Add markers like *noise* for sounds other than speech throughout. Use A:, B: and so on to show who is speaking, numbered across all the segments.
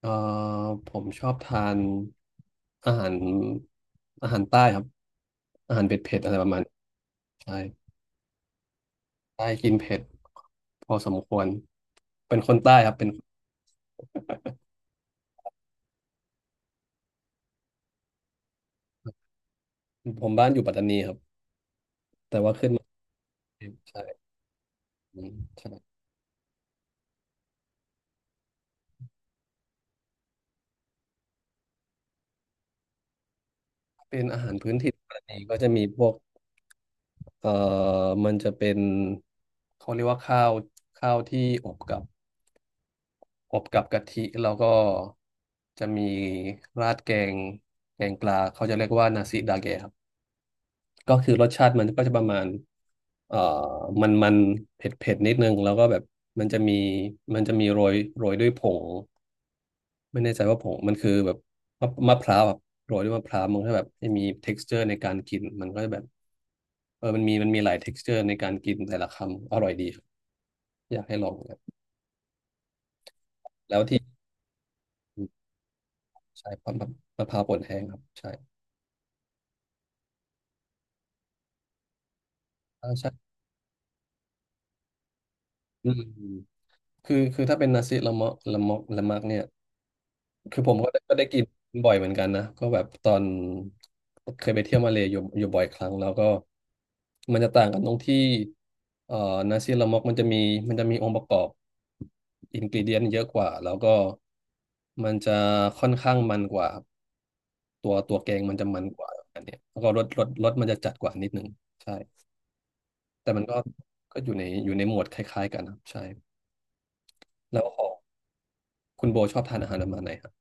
A: เอ่อผมชอบทานอาหารอาหารใต้ครับอาหารเผ็ดเผ็ดอะไรประมาณนี้ใช่ใต้กินเผ็ดพอสมควรเป็นคนใต้ครับเป็นผมบ้านอยู่ปัตตานีครับใช่อืมใช่เป็นอาหารพื้นถิ่นปัตตานีก็จะมีพวกเอ่อมันจะเป็นเขาเรียกว่าข้าวข้าวที่อบกับกะทิแล้วก็จะมีราดแกงแกงปลาเขาจะเรียกว่านาซิดาเกะครับ ก็คือรสชาติมันก็จะประมาณเอ่อมันเผ็ดเผ็ดนิดนึงแล้วก็แบบมันจะมีมันจะมีโรยด้วยผงไม่แน่ใจว่าผงมันคือแบบมะพร้าวแบบโรยด้วยมะพร้าวมันก็แบบให้มี texture ในการกินมันก็จะแบบเออมันมีหลาย texture ในการกินแต่ละคำอร่อยดีครับอยากให้ลองครับแล้วที่ใช่มะพร้าวป่นแห้งครับใช่อ่าใช่อืมคือถ้าเป็นนาซิละเมาะละมักเนี่ย คือผมก็ได้กินบ่อยเหมือนกันนะก็แบบตอนเคยไปเที่ยวมาเลย์อยู่บ่อยครั้งแล้วก็มันจะต่างกันตรงที่เอ่อนาซีลามอกมันจะมีมันจะมีองค์ประกอบอินก e เดียนเยอะกว่าแล้วก็มันจะค่อนข้างมันกว่าตัวแกงมันจะมันกว่าอันเนี้ยแล้วก็รสมันจะจัดกว่านิดนึงใช่แต่มันก็ก็อยู่ในหมวดคล้ายๆกันนะครับใช่แล้วของคุณโบชอบทานอาหารประมาณไหนครับ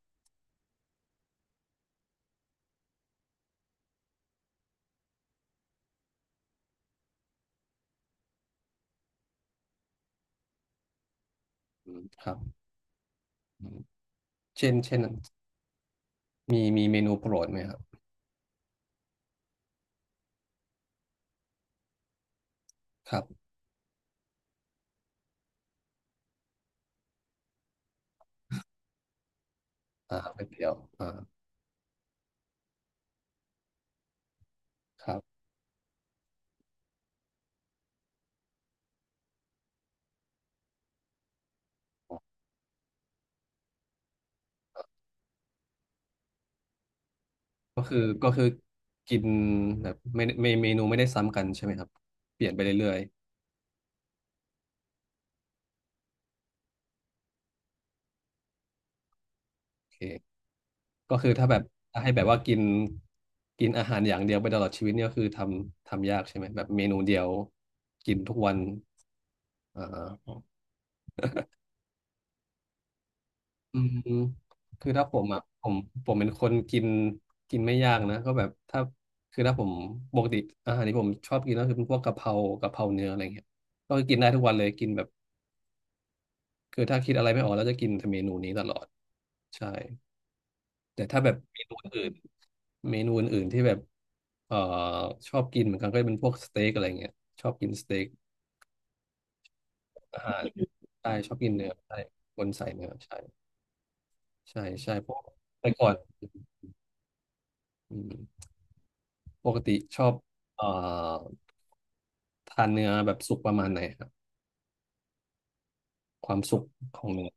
A: อืมครับอืมเช่น มีเมนูโปรดไหมครับครับอ่าก๋วยเตี๋ยวอ่าครับก็คือก็คือกินแบบไม่ไม่เมนูไม่ได้ซ้ำกันใช่ไหมครับเปลี่ยนไปเรื่อยๆโอเคก็คือถ้าแบบถ้าให้แบบว่ากินกินอาหารอย่างเดียวไปตลอดชีวิตเนี่ยก็คือทำยากใช่ไหมแบบเมนูเดียวกินทุกวันอ่า อืมคือถ้าผมอ่ะผมเป็นคนกินกินไม่ยากนะก็แบบถ้าคือถ้าผมปกติอาหารที่ผมชอบกินก็คือเป็นพวกกะเพราเนื้ออะไรเงี้ยก็กินได้ทุกวันเลยกินแบบคือถ้าคิดอะไรไม่ออกแล้วจะกินแต่เมนูนี้ตลอดใช่แต่ถ้าแบบเมนูอื่นๆที่แบบเอ่อชอบกินเหมือนกันก็จะเป็นพวกสเต็กอะไรเงี้ยชอบกินสเต็กอาหารใช่ชอบกินเนื้อใช่คนใส่เนื้อใช่ใช่เพราะแต่ก่อนอืม ปกติชอบเอ่อทานเนื้อแบบสุกประมาณไหนครับความสุกของเนื้อ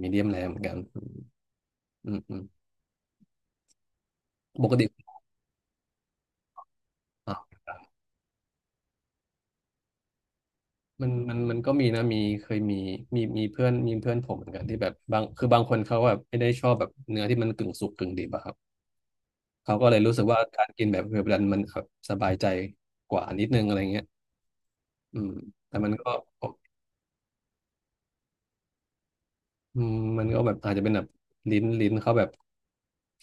A: มีเดียมแรเหมือนกันอืมอืมปกติอ่ะมันก็มีนะมีเคยมีเพื่อนผมเหมือนกันที่แบบบางคือบางคนเขาแบบไม่ได้ชอบแบบเนื้อที่มันกึ่งสุกกึ่งดิบอะครับเขาก็เลยรู้สึกว่าการกินแบบเวลามันแบบสบายใจกว่านิดนึงอะไรเงี้ยอืมแต่มันก็ อืมมันก็แบบอาจจะเป็นแบบลิ้นเขาแบบ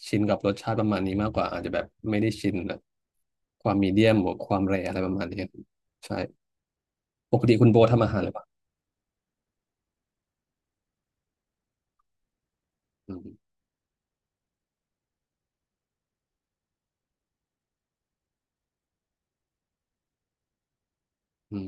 A: ชินกับรสชาติประมาณนี้มากกว่าอาจจะแบบไม่ได้ชินแบบความมีเดียมหรือความแรร์อะไรประมาณนี้ใช่ปกติคุณโบทำอาหารหรือเปล่าอืมอืม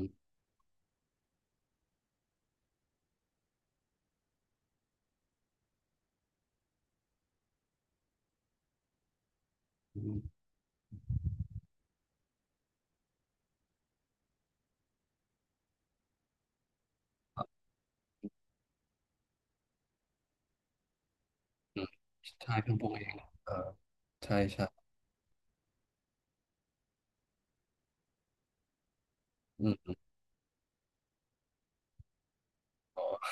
A: อืมอืมใช่เพิ่งปรุงเองอ่าใช่ใช่อืมอ๋อ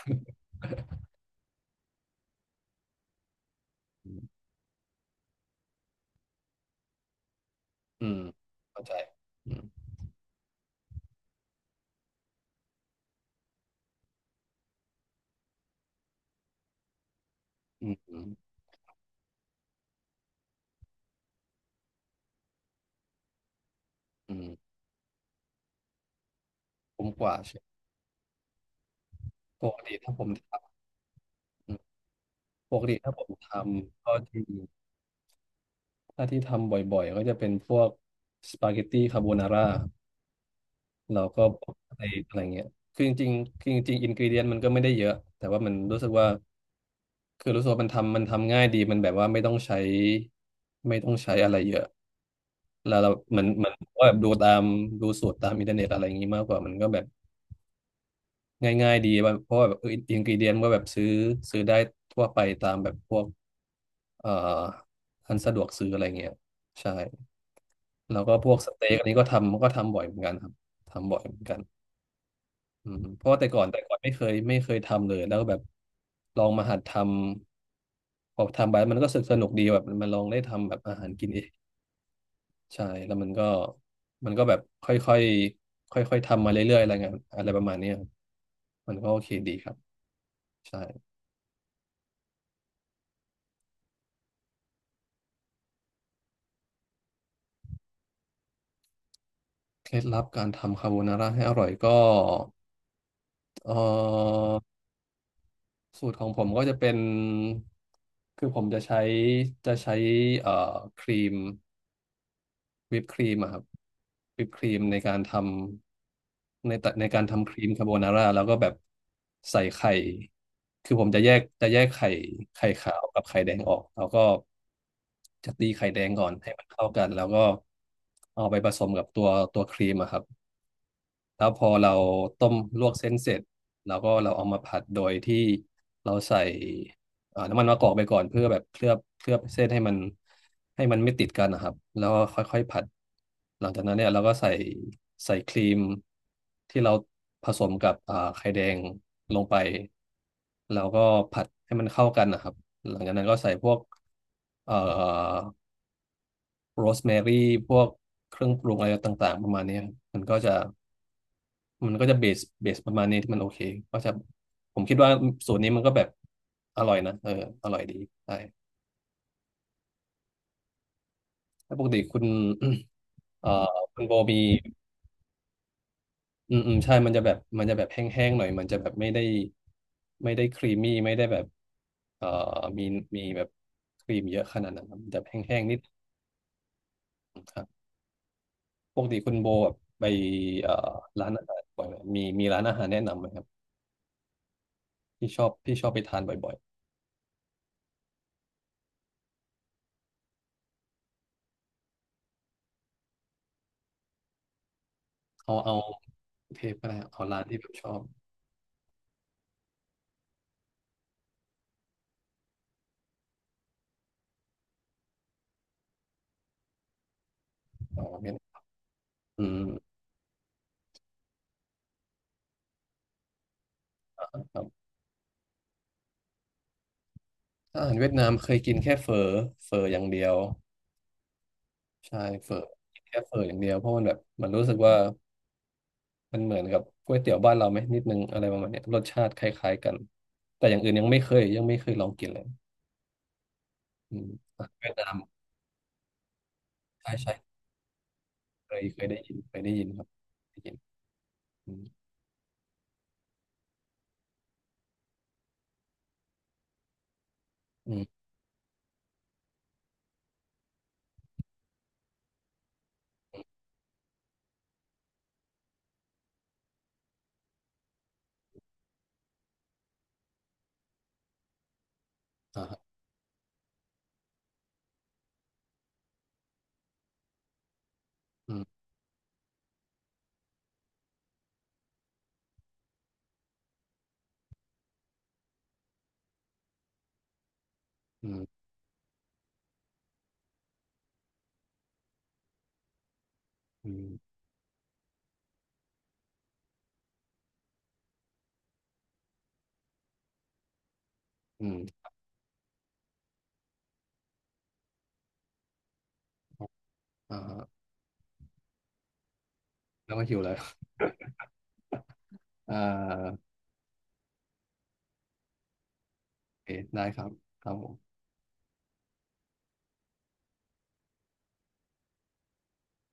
A: อืมอืมเข้าใจอืมอืมอืมอืมผมกว่าใช่ปกติถ้าผมทำอืมปกติถ้าผมทำก็ที่ถ้าที่ทำบ่อยๆก็จะเป็นพวกสปาเกตตี้คาโบนาร่า เราก็บอกอะไรอะไรเงี้ยคือจริงๆคือจริงๆอินกรีเดียนมันก็ไม่ได้เยอะ แต่ว่ามันรู้สึกว่า คือรู้สึกว่ามันทำง่ายดีมันแบบว่าไม่ต้องใช้อะไรเยอะ แล้วเราเหมือนว่าแบบดูตามสูตรตามอินเทอร์เน็ตอะไรอย่างงี้มากกว่า มันก็แบบง่ายๆดีว่าเพราะว่าแบบอินกรีเดียนก็แบบซื้อได้ทั่วไปตามแบบพวกเอ่ออันสะดวกซื้ออะไรเงี้ย ใช่ แล้วก็พวกสเต็กอันนี้ก็ทำบ่อยเหมือนกันครับทำบ่อยเหมือนกัน อืมเพราะว่าแต่ก่อนไม่เคยทำเลยแล้วก็แบบลองมาหัดทำพอทำไปมันก็สนุกดีแบบมันลองได้ทำแบบอาหารกินเองใช่แล้วมันก็แบบค่อยค่อยๆทำมาเรื่อยๆอะไรเงี้ยอะไรประมาณเนี้ยครับมันก็โอเคดีครับใช่เคล็ดลับการทำคาโบนาร่าให้อร่อยก็เอ่อสูตรของผมก็จะเป็นคือผมจะใช้จะใช้เอ่อครีม วิปครีมอะครับวิปครีมในการทำในในการทำครีมคาโบนาร่าแล้วก็แบบใส่ไข่คือผมจะแยกไข่ไข่ขาวกับไข่แดงออกแล้วก็จะตีไข่แดงก่อนให้มันเข้ากันแล้วก็เอาไปผสมกับตัวครีมอะครับ แล้วพอเราต้มลวกเส้นเสร็จแล้วก็เราเอามาผัดโดยที่เราใส่น้ำมันมะกอกไปก่อนเพื่อแบบเคลือบเส้นให้มันไม่ติดกันนะครับแล้วก็ค่อยๆผัดหลังจากนั้นเนี่ยเราก็ใส่ใส่ครีมที่เราผสมกับไข่แดงลงไปแล้วก็ผัดให้มันเข้ากันนะครับหลังจากนั้นก็ใส่พวกเอ่อโรสแมรี่พวกเครื่องปรุงอะไรต่างๆประมาณเนี้ยครับมันก็จะ เบสประมาณนี้ที่มันโอเคก็จะผมคิดว่าสูตรนี้มันก็แบบอร่อยนะเอออร่อยดีใช่แล้วปกติคุณ *clears throat* เอ่อคุณโบมีอืมอืมใช่มันจะแบบแห้งๆหน่อยมันจะแบบไม่ได้ครีมมี่ไม่ได้แบบเอ่อมีแบบครีมเยอะขนาดนั้นครับมันจะแห้งๆนิดครับปกติคุณโบแบบไปเอ่อร้านอาหารบ่อยไหมมีร้านอาหารแนะนำไหมครับที่ชอบไปทานบ่อยๆเอาเทปก็ได้เอาร้านที่แบบชอบเอา อืมครับอาหารเวียดนามเคยกินแค่เฟออย่างเดียวใช่เฟอกินแค่เฟออย่างเดียวเพราะมันแบบมันรู้สึกว่ามันเหมือนกับก๋วยเตี๋ยวบ้านเราไหมนิดนึงอะไรประมาณเนี้ยรสชาติคล้ายๆกันแต่อย่างอื่นยังไม่เคยลองกินเลยอืมอาหารเวียดนามใช่ใช่เคยเคยได้ยินครับได้ยินอืมอืมอ่าฮะอืมอืมอืมอืมอ่าฮะแล้วก็หิวแล้ว *laughs* อ่าโอเคได้ครับครับผม